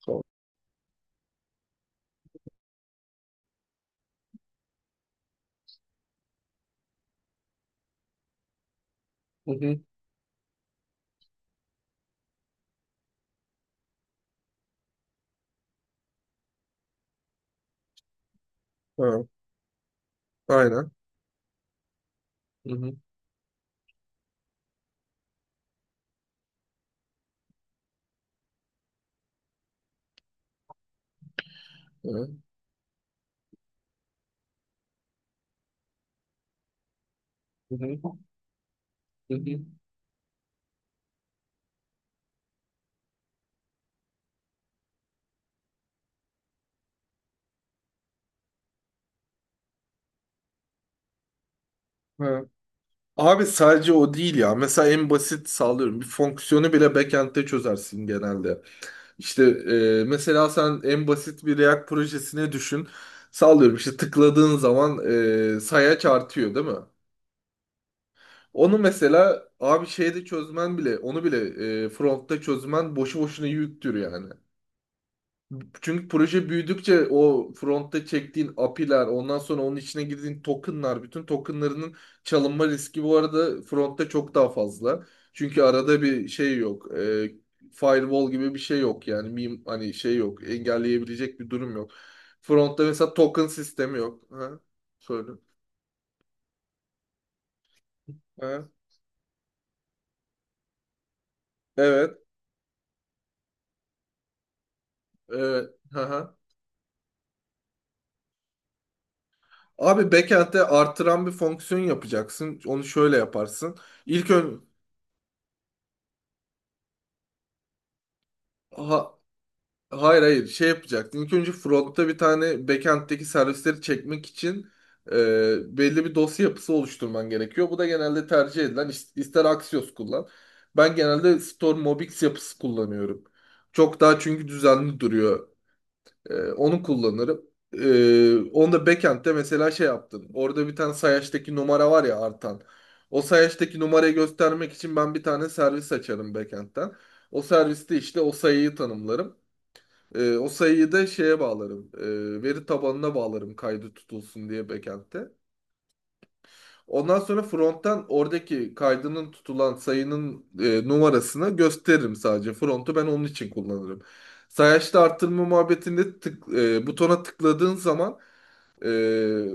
Sol. Hı hı. Ha, aynen. Hı hı. Ha, hı hı. Hı hı. Ha. Abi sadece o değil ya. Mesela en basit sallıyorum. Bir fonksiyonu bile backend'te çözersin genelde. İşte, mesela sen en basit bir React projesine düşün. Sallıyorum işte tıkladığın zaman sayaç artıyor değil mi? Onu mesela abi şeyde çözmen bile, onu bile frontta çözmen boşu boşuna yüktür yani. Çünkü proje büyüdükçe o frontta çektiğin API'ler, ondan sonra onun içine girdiğin tokenlar, bütün tokenlarının çalınma riski bu arada frontta çok daha fazla. Çünkü arada bir şey yok. Firewall gibi bir şey yok yani. Hani şey yok. Engelleyebilecek bir durum yok. Frontta mesela token sistemi yok. Ha? Söyle. Ha? Evet. Evet. Aha. Abi backend'de artıran bir fonksiyon yapacaksın. Onu şöyle yaparsın. İlk ön... Hayır, hayır, şey yapacaktın. İlk önce frontta bir tane backend'deki servisleri çekmek için belli bir dosya yapısı oluşturman gerekiyor. Bu da genelde tercih edilen ister Axios kullan. Ben genelde Storm Mobix yapısı kullanıyorum. Çok daha çünkü düzenli duruyor. Onu kullanırım. Onu da backend'de mesela şey yaptın. Orada bir tane sayaçtaki numara var ya, artan. O sayaçtaki numarayı göstermek için ben bir tane servis açarım backend'den. O serviste işte o sayıyı tanımlarım. O sayıyı da şeye bağlarım. Veri tabanına bağlarım kaydı tutulsun diye backend'te. Ondan sonra front'tan oradaki kaydının tutulan sayının numarasını gösteririm sadece. Front'u ben onun için kullanırım. Sayaçta arttırma muhabbetinde butona tıkladığın zaman ee,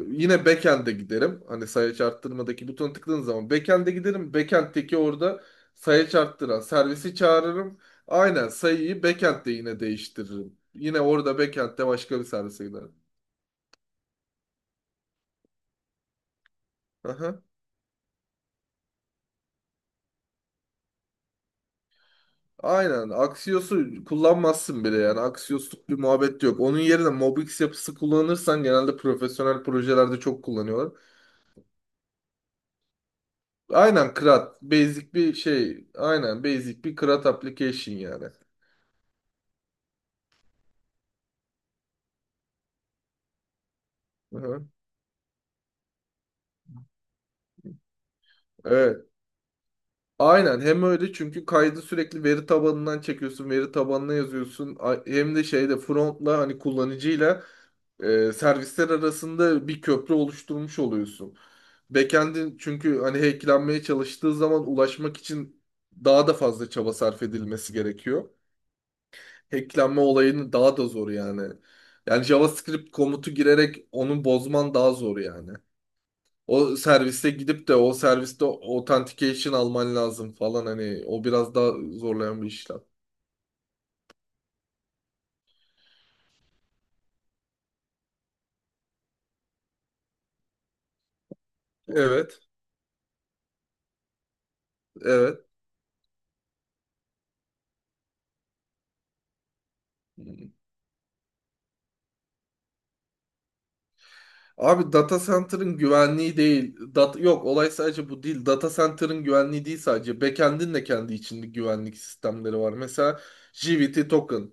yine backend'e giderim. Hani sayaç arttırmadaki butona tıkladığın zaman backend'e giderim. Backend'teki orada sayaç arttıran servisi çağırırım. Aynen, sayıyı backend'de yine değiştiririm. Yine orada backend'de başka bir servise giderim. Aha. Aynen. Axios'u kullanmazsın bile yani. Axios'luk bir muhabbet yok. Onun yerine Mobix yapısı kullanırsan genelde profesyonel projelerde çok kullanıyorlar. Aynen CRUD. Basic bir şey. Aynen basic bir CRUD application yani. Aha. Evet. Aynen, hem öyle çünkü kaydı sürekli veri tabanından çekiyorsun, veri tabanına yazıyorsun. Hem de şeyde frontla hani kullanıcıyla servisler arasında bir köprü oluşturmuş oluyorsun. Backend'in çünkü hani hacklenmeye çalıştığı zaman ulaşmak için daha da fazla çaba sarf edilmesi gerekiyor. Hacklenme olayını daha da zor yani. Yani JavaScript komutu girerek onu bozman daha zor yani. O serviste gidip de o serviste authentication alman lazım falan, hani o biraz daha zorlayan bir işlem. Evet. Evet. Abi data center'ın güvenliği değil. Yok, olay sadece bu değil. Data center'ın güvenliği değil sadece. Backend'in de kendi içinde güvenlik sistemleri var. Mesela JWT token.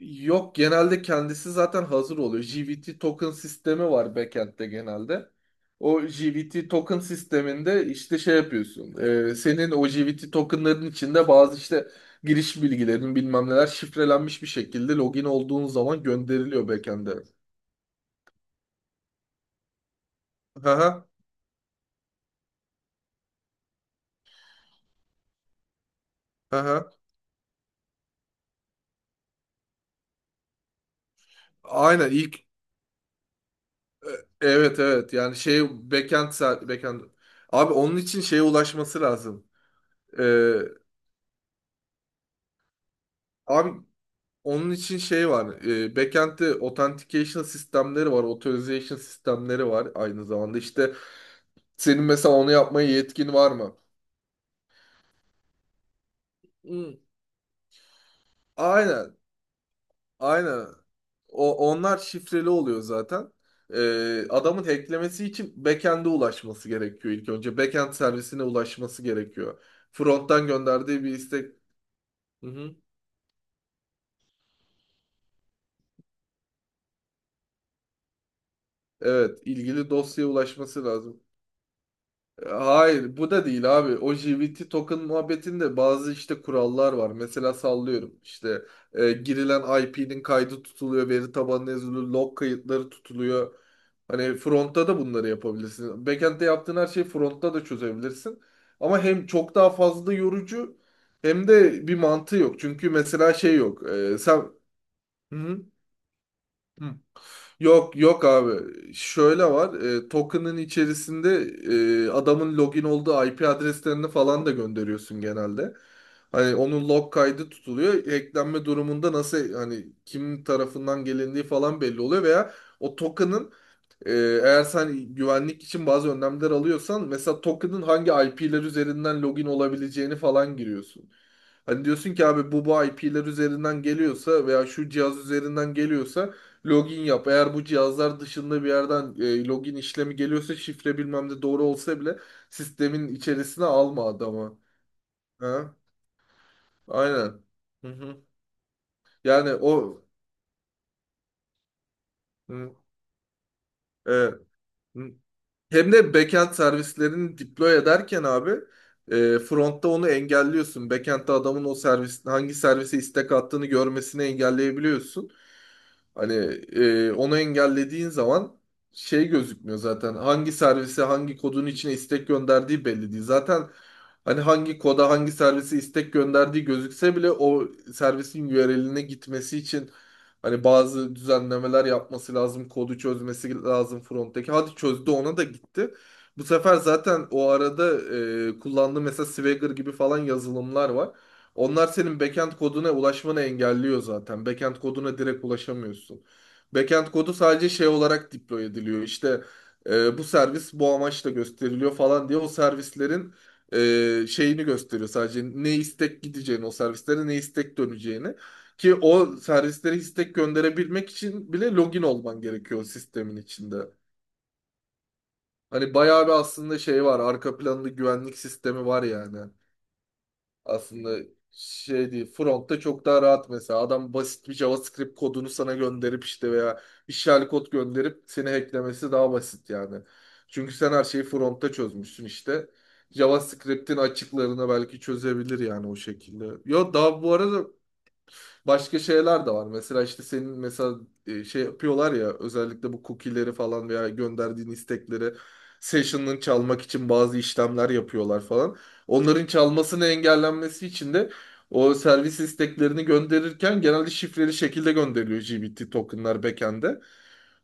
Yok, genelde kendisi zaten hazır oluyor. JWT token sistemi var backend'de genelde. O JWT token sisteminde işte şey yapıyorsun. Senin o JWT tokenların içinde bazı işte giriş bilgilerin bilmem neler şifrelenmiş bir şekilde login olduğun zaman gönderiliyor backend'e. Hı hı. Aynen. E, evet, evet, yani şey, backend, abi onun için şeye ulaşması lazım. Ee, Abi, onun için şey var. Backend'de authentication sistemleri var. Authorization sistemleri var aynı zamanda. İşte senin mesela onu yapmaya yetkin var mı? Hmm. Aynen. Aynen. O, onlar şifreli oluyor zaten. Adamın hacklemesi için backend'e ulaşması gerekiyor ilk önce. Backend servisine ulaşması gerekiyor. Front'tan gönderdiği bir istek. Hı hı. Evet, ilgili dosyaya ulaşması lazım. Hayır, bu da değil abi. O JWT token muhabbetinde bazı işte kurallar var. Mesela sallıyorum işte girilen IP'nin kaydı tutuluyor, veri tabanına yazılıyor, log kayıtları tutuluyor. Hani frontta da bunları yapabilirsin. Backend'de yaptığın her şeyi frontta da çözebilirsin. Ama hem çok daha fazla yorucu, hem de bir mantığı yok. Çünkü mesela şey yok. Sen... Hı hı. Yok, yok abi. Şöyle var. Token'ın içerisinde adamın login olduğu IP adreslerini falan da gönderiyorsun genelde. Hani onun log kaydı tutuluyor. Hacklenme durumunda nasıl hani kim tarafından gelindiği falan belli oluyor veya o token'ın e, eğer sen güvenlik için bazı önlemler alıyorsan mesela token'ın hangi IP'ler üzerinden login olabileceğini falan giriyorsun. Hani diyorsun ki abi bu IP'ler üzerinden geliyorsa veya şu cihaz üzerinden geliyorsa login yap. Eğer bu cihazlar dışında bir yerden login işlemi geliyorsa şifre bilmem de doğru olsa bile sistemin içerisine alma adamı. Ha? Aynen. Hı hı. Yani o... Hı. Evet. Hı. Hem de backend servislerini deploy ederken abi frontta onu engelliyorsun. Backend'de adamın o servis hangi servise istek attığını görmesini engelleyebiliyorsun. Hani onu engellediğin zaman şey gözükmüyor zaten. Hangi servise hangi kodun içine istek gönderdiği belli değil. Zaten hani hangi koda hangi servise istek gönderdiği gözükse bile o servisin URL'ine gitmesi için hani bazı düzenlemeler yapması lazım, kodu çözmesi lazım fronttaki. Hadi, çözdü, ona da gitti. Bu sefer zaten o arada kullandığı mesela Swagger gibi falan yazılımlar var. Onlar senin backend koduna ulaşmanı engelliyor zaten. Backend koduna direkt ulaşamıyorsun. Backend kodu sadece şey olarak deploy ediliyor. İşte bu servis bu amaçla gösteriliyor falan diye o servislerin şeyini gösteriyor sadece, ne istek gideceğini o servislere, ne istek döneceğini. Ki o servislere istek gönderebilmek için bile login olman gerekiyor o sistemin içinde. Hani bayağı bir aslında şey var. Arka planlı güvenlik sistemi var yani. Aslında şey değil. Front'ta çok daha rahat mesela. Adam basit bir JavaScript kodunu sana gönderip işte veya işgal kod gönderip seni hacklemesi daha basit yani. Çünkü sen her şeyi front'ta çözmüşsün işte. JavaScript'in açıklarını belki çözebilir yani o şekilde. Yo, daha bu arada başka şeyler de var. Mesela işte senin mesela şey yapıyorlar ya, özellikle bu cookie'leri falan veya gönderdiğin istekleri session'ın çalmak için bazı işlemler yapıyorlar falan. Onların çalmasını engellenmesi için de o servis isteklerini gönderirken genelde şifreli şekilde gönderiliyor GBT tokenlar backend'e.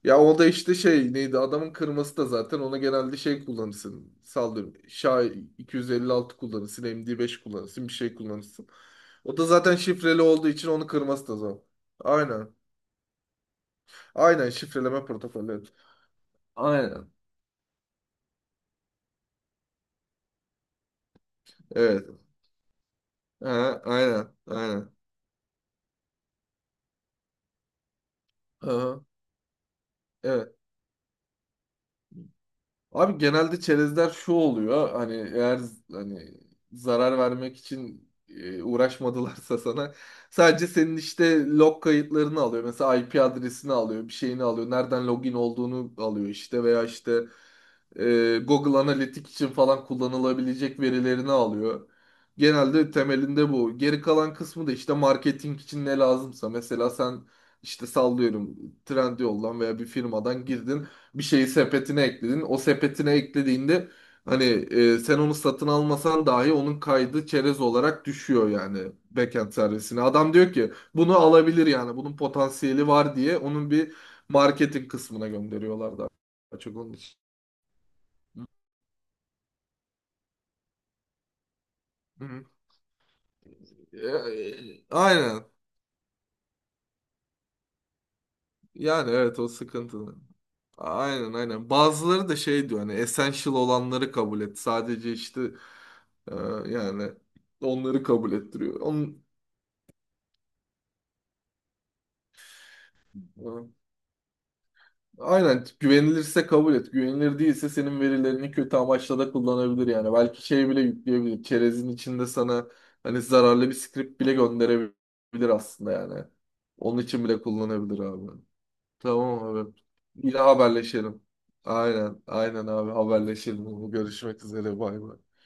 Ya o da işte şey neydi adamın kırması da zaten, ona genelde şey kullanırsın. Sallıyorum. SHA 256 kullanırsın. MD5 kullanırsın. Bir şey kullanırsın. O da zaten şifreli olduğu için onu kırması da zor. Aynen. Aynen şifreleme protokolü. Evet. Aynen. Evet. Ha, aynen. Aynen. Aha, evet. Abi genelde çerezler şu oluyor. Hani eğer hani zarar vermek için uğraşmadılarsa sana sadece senin işte log kayıtlarını alıyor. Mesela IP adresini alıyor, bir şeyini alıyor. Nereden login olduğunu alıyor işte veya işte Google Analytics için falan kullanılabilecek verilerini alıyor. Genelde temelinde bu. Geri kalan kısmı da işte marketing için ne lazımsa. Mesela sen işte sallıyorum Trendyol'dan veya bir firmadan girdin bir şeyi sepetine ekledin. O sepetine eklediğinde hani sen onu satın almasan dahi onun kaydı çerez olarak düşüyor yani backend servisine. Adam diyor ki bunu alabilir yani bunun potansiyeli var diye onun bir marketing kısmına gönderiyorlar da açık onun için. Hı hı. Aynen. Yani evet o sıkıntı. Aynen, aynen. Bazıları da şey diyor, hani essential olanları kabul et. Sadece işte e, yani onları kabul ettiriyor. Onun, aynen güvenilirse kabul et. Güvenilir değilse senin verilerini kötü amaçla da kullanabilir yani. Belki şey bile yükleyebilir. Çerezin içinde sana hani zararlı bir script bile gönderebilir aslında yani. Onun için bile kullanabilir abi. Tamam abi. Yine haberleşelim. Aynen, aynen abi, haberleşelim. Görüşmek üzere, bay bay.